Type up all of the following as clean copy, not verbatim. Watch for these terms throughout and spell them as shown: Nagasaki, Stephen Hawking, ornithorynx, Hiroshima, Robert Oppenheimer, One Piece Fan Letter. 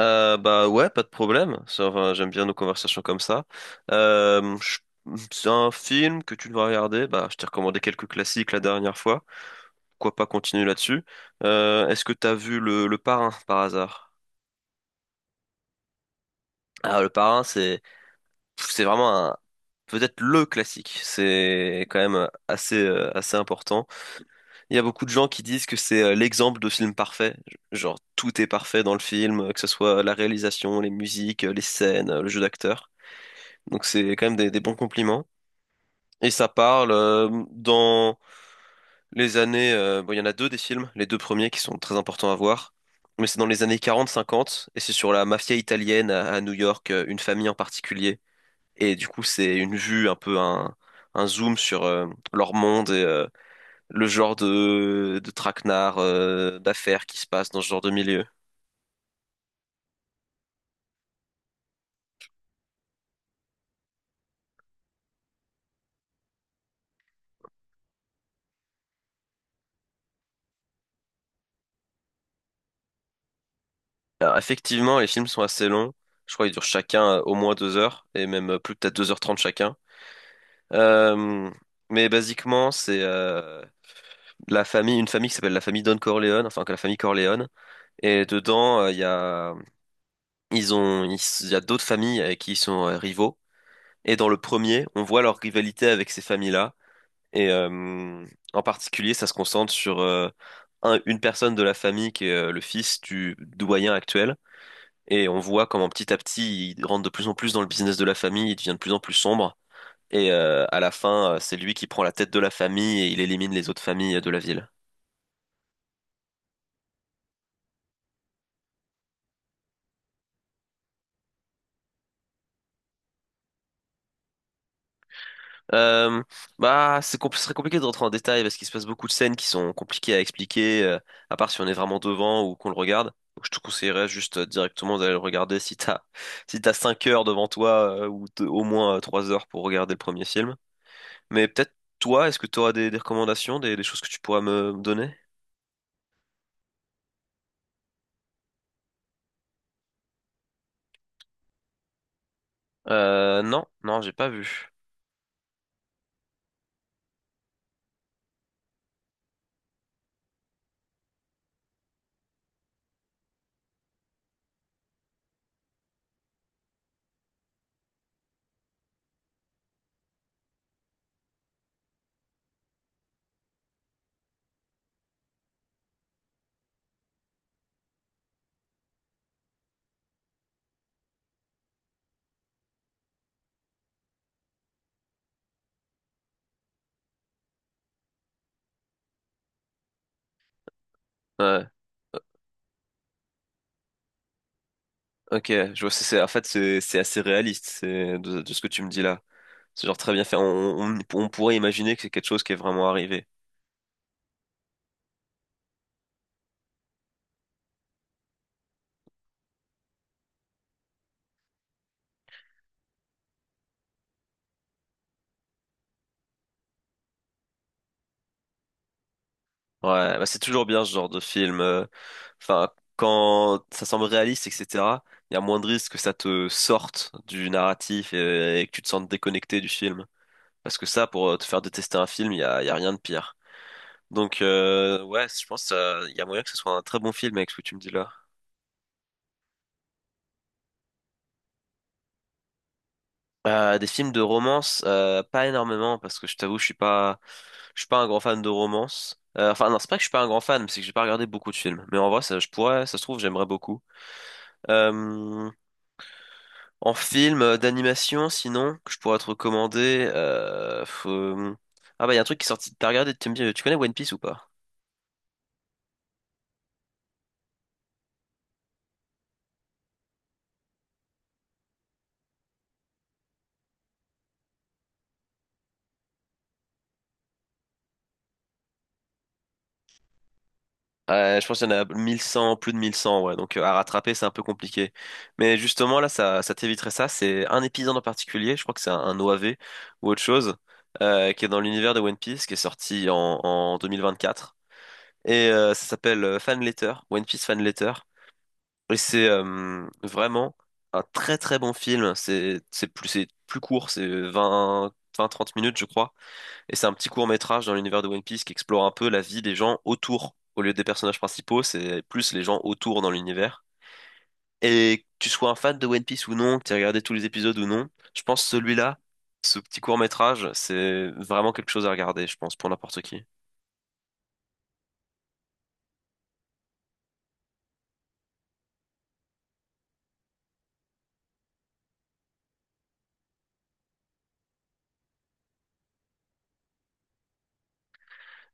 Bah ouais, pas de problème. Ça, enfin, j'aime bien nos conversations comme ça. Euh, je- C'est un film que tu dois regarder. Bah, je t'ai recommandé quelques classiques la dernière fois. Pourquoi pas continuer là-dessus. Est-ce que t'as vu le Parrain par hasard? Ah, le Parrain, c'est vraiment un peut-être le classique. C'est quand même assez assez important. Il y a beaucoup de gens qui disent que c'est l'exemple de film parfait. Genre tout est parfait dans le film, que ce soit la réalisation, les musiques, les scènes, le jeu d'acteur. Donc c'est quand même des bons compliments. Et ça parle dans les années, bon, il y en a deux des films, les deux premiers qui sont très importants à voir. Mais c'est dans les années 40-50, et c'est sur la mafia italienne à New York, une famille en particulier. Et du coup, c'est une vue, un peu un zoom sur leur monde et le genre de traquenard, d'affaires qui se passe dans ce genre de milieu. Alors, effectivement, les films sont assez longs. Je crois qu'ils durent chacun au moins deux heures, et même plus peut-être deux heures trente chacun. Euh, mais basiquement, c'est la famille, une famille qui s'appelle la famille Don Corleone, enfin que la famille Corleone. Et dedans, il y a d'autres familles avec qui ils sont rivaux. Et dans le premier, on voit leur rivalité avec ces familles-là. Et en particulier, ça se concentre sur une personne de la famille qui est le fils du doyen actuel. Et on voit comment petit à petit, il rentre de plus en plus dans le business de la famille, il devient de plus en plus sombre. Et à la fin, c'est lui qui prend la tête de la famille et il élimine les autres familles de la ville. Euh, Bah, ce serait compliqué de rentrer en détail parce qu'il se passe beaucoup de scènes qui sont compliquées à expliquer, à part si on est vraiment devant ou qu'on le regarde. Donc, je te conseillerais juste directement d'aller le regarder si t'as 5 heures devant toi ou au moins 3 heures pour regarder le premier film. Mais peut-être toi, est-ce que tu auras des recommandations, des choses que tu pourras me donner? Non, non, j'ai pas vu. Ouais. Ok, je vois, en fait, c'est assez réaliste, c'est de ce que tu me dis là. C'est genre très bien fait. On pourrait imaginer que c'est quelque chose qui est vraiment arrivé. Ouais, bah c'est toujours bien ce genre de film. Enfin, quand ça semble réaliste, etc., il y a moins de risques que ça te sorte du narratif et que tu te sentes déconnecté du film. Parce que ça, pour te faire détester un film, il y a rien de pire. Donc, ouais, je pense il y a moyen que ce soit un très bon film avec ce que tu me dis là. Des films de romance, pas énormément parce que je t'avoue, je suis pas un grand fan de romance. Enfin non, c'est pas que je suis pas un grand fan, mais c'est que j'ai pas regardé beaucoup de films. Mais en vrai, ça, je pourrais, ça se trouve, j'aimerais beaucoup. Euh, En film d'animation, sinon, que je pourrais te recommander. Ah bah il y a un truc qui est sorti. T'as regardé, tu me dis, tu connais One Piece ou pas? Ouais, je pense qu'il y en a 1100, plus de 1100, ouais. Donc à rattraper, c'est un peu compliqué. Mais justement, là, ça t'éviterait ça. C'est un épisode en particulier, je crois que c'est un OAV ou autre chose, qui est dans l'univers de One Piece, qui est sorti en 2024. Et ça s'appelle Fan Letter, One Piece Fan Letter. Et c'est vraiment un très très bon film. C'est plus, c'est plus court, c'est 20, 20-30 minutes, je crois. Et c'est un petit court-métrage dans l'univers de One Piece qui explore un peu la vie des gens autour. Au lieu des personnages principaux, c'est plus les gens autour dans l'univers. Et que tu sois un fan de One Piece ou non, que tu aies regardé tous les épisodes ou non, je pense celui-là, ce petit court-métrage, c'est vraiment quelque chose à regarder, je pense, pour n'importe qui.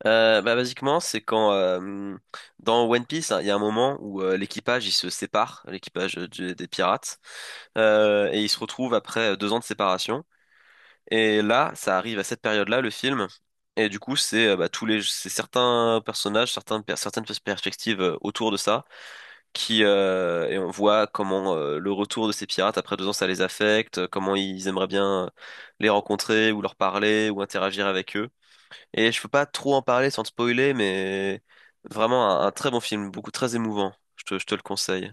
Bah, basiquement, c'est quand dans One Piece, hein, il y a un moment où l'équipage, il se sépare, l'équipage des pirates, et ils se retrouvent après deux ans de séparation. Et là, ça arrive à cette période-là, le film. Et du coup, c'est bah, c'est certains personnages, certains, per- certaines pers- perspectives autour de ça, qui et on voit comment le retour de ces pirates après deux ans, ça les affecte, comment ils aimeraient bien les rencontrer ou leur parler ou interagir avec eux. Et je peux pas trop en parler sans te spoiler, mais vraiment un très bon film, beaucoup très émouvant. Je te le conseille.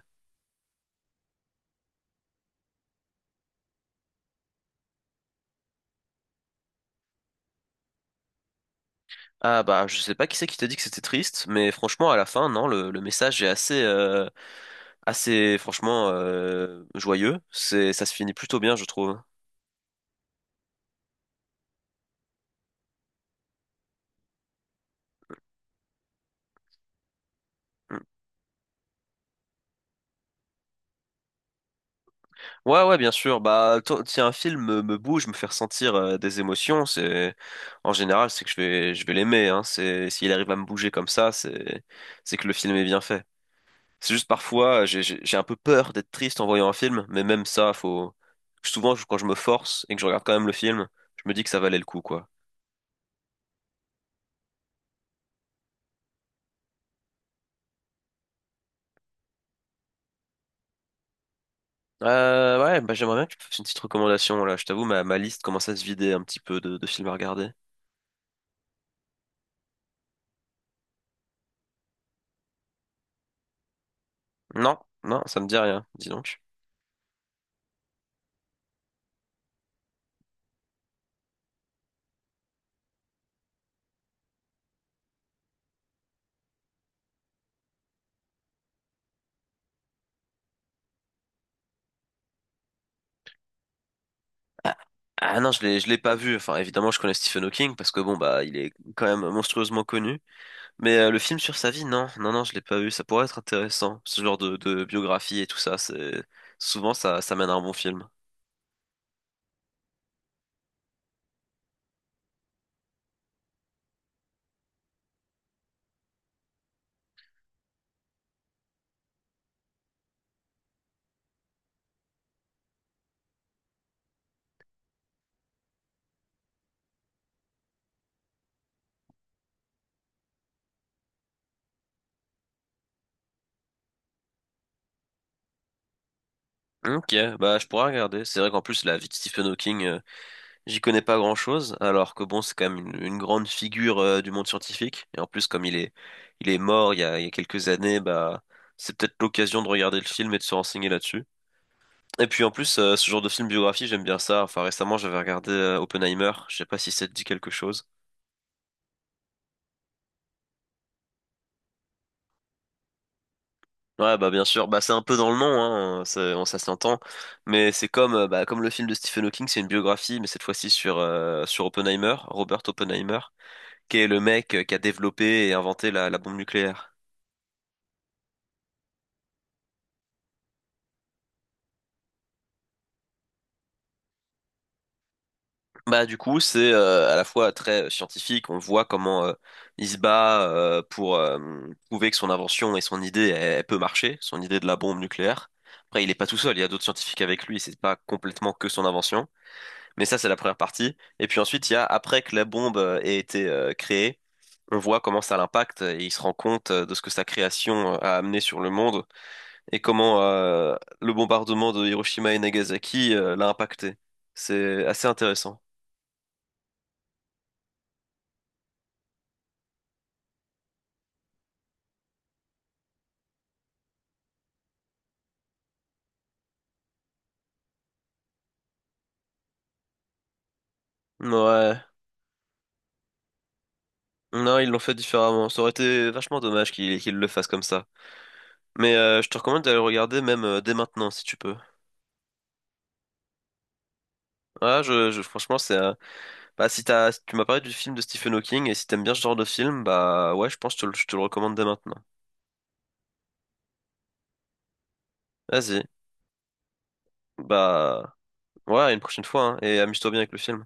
Ah bah, je sais pas qui c'est qui t'a dit que c'était triste, mais franchement, à la fin, non, le message est assez franchement joyeux. Ça se finit plutôt bien, je trouve. Mm. Ouais, ouais, bien sûr. Bah, si un film me bouge, me fait ressentir des émotions, c'est en général, c'est que je vais l'aimer. Hein. C'est s'il arrive à me bouger comme ça, c'est que le film est bien fait. C'est juste parfois, j'ai un peu peur d'être triste en voyant un film, mais même ça, faut. Souvent, quand je me force et que je regarde quand même le film, je me dis que ça valait le coup, quoi. Ouais, bah j'aimerais bien que tu me fasses une petite recommandation là. Je t'avoue, ma liste commence à se vider un petit peu de films à regarder. Non, non, ça me dit rien, dis donc. Ah non, je l'ai pas vu. Enfin, évidemment, je connais Stephen Hawking parce que bon, bah, il est quand même monstrueusement connu. Mais le film sur sa vie, non, non, non, je l'ai pas vu. Ça pourrait être intéressant, ce genre de biographie et tout ça. C'est souvent ça, ça mène à un bon film. Ok, bah, je pourrais regarder. C'est vrai qu'en plus, la vie de Stephen Hawking, j'y connais pas grand-chose, alors que bon, c'est quand même une grande figure du monde scientifique. Et en plus, comme il est mort il y a quelques années, bah, c'est peut-être l'occasion de regarder le film et de se renseigner là-dessus. Et puis en plus, ce genre de film biographie, j'aime bien ça. Enfin, récemment, j'avais regardé Oppenheimer. Je sais pas si ça te dit quelque chose. Ouais, bah bien sûr. Bah c'est un peu dans le nom, hein. Ça, ça s'entend. Mais c'est comme, bah, comme le film de Stephen Hawking, c'est une biographie, mais cette fois-ci sur Oppenheimer, Robert Oppenheimer, qui est le mec qui a développé et inventé la bombe nucléaire. Bah du coup c'est à la fois très scientifique, on voit comment il se bat pour prouver que son invention et son idée elle peut marcher, son idée de la bombe nucléaire. Après il est pas tout seul, il y a d'autres scientifiques avec lui, c'est pas complètement que son invention, mais ça c'est la première partie. Et puis ensuite il y a après que la bombe ait été créée, on voit comment ça l'impacte et il se rend compte de ce que sa création a amené sur le monde et comment le bombardement de Hiroshima et Nagasaki l'a impacté. C'est assez intéressant. Ouais. Non, ils l'ont fait différemment. Ça aurait été vachement dommage qu'ils le fassent comme ça. Mais je te recommande d'aller le regarder même dès maintenant si tu peux. Ah, franchement, c'est bah si tu m'as parlé du film de Stephen Hawking et si t'aimes bien ce genre de film, bah ouais, je pense que je te le recommande dès maintenant. Vas-y. Bah ouais, à une prochaine fois hein, et amuse-toi bien avec le film.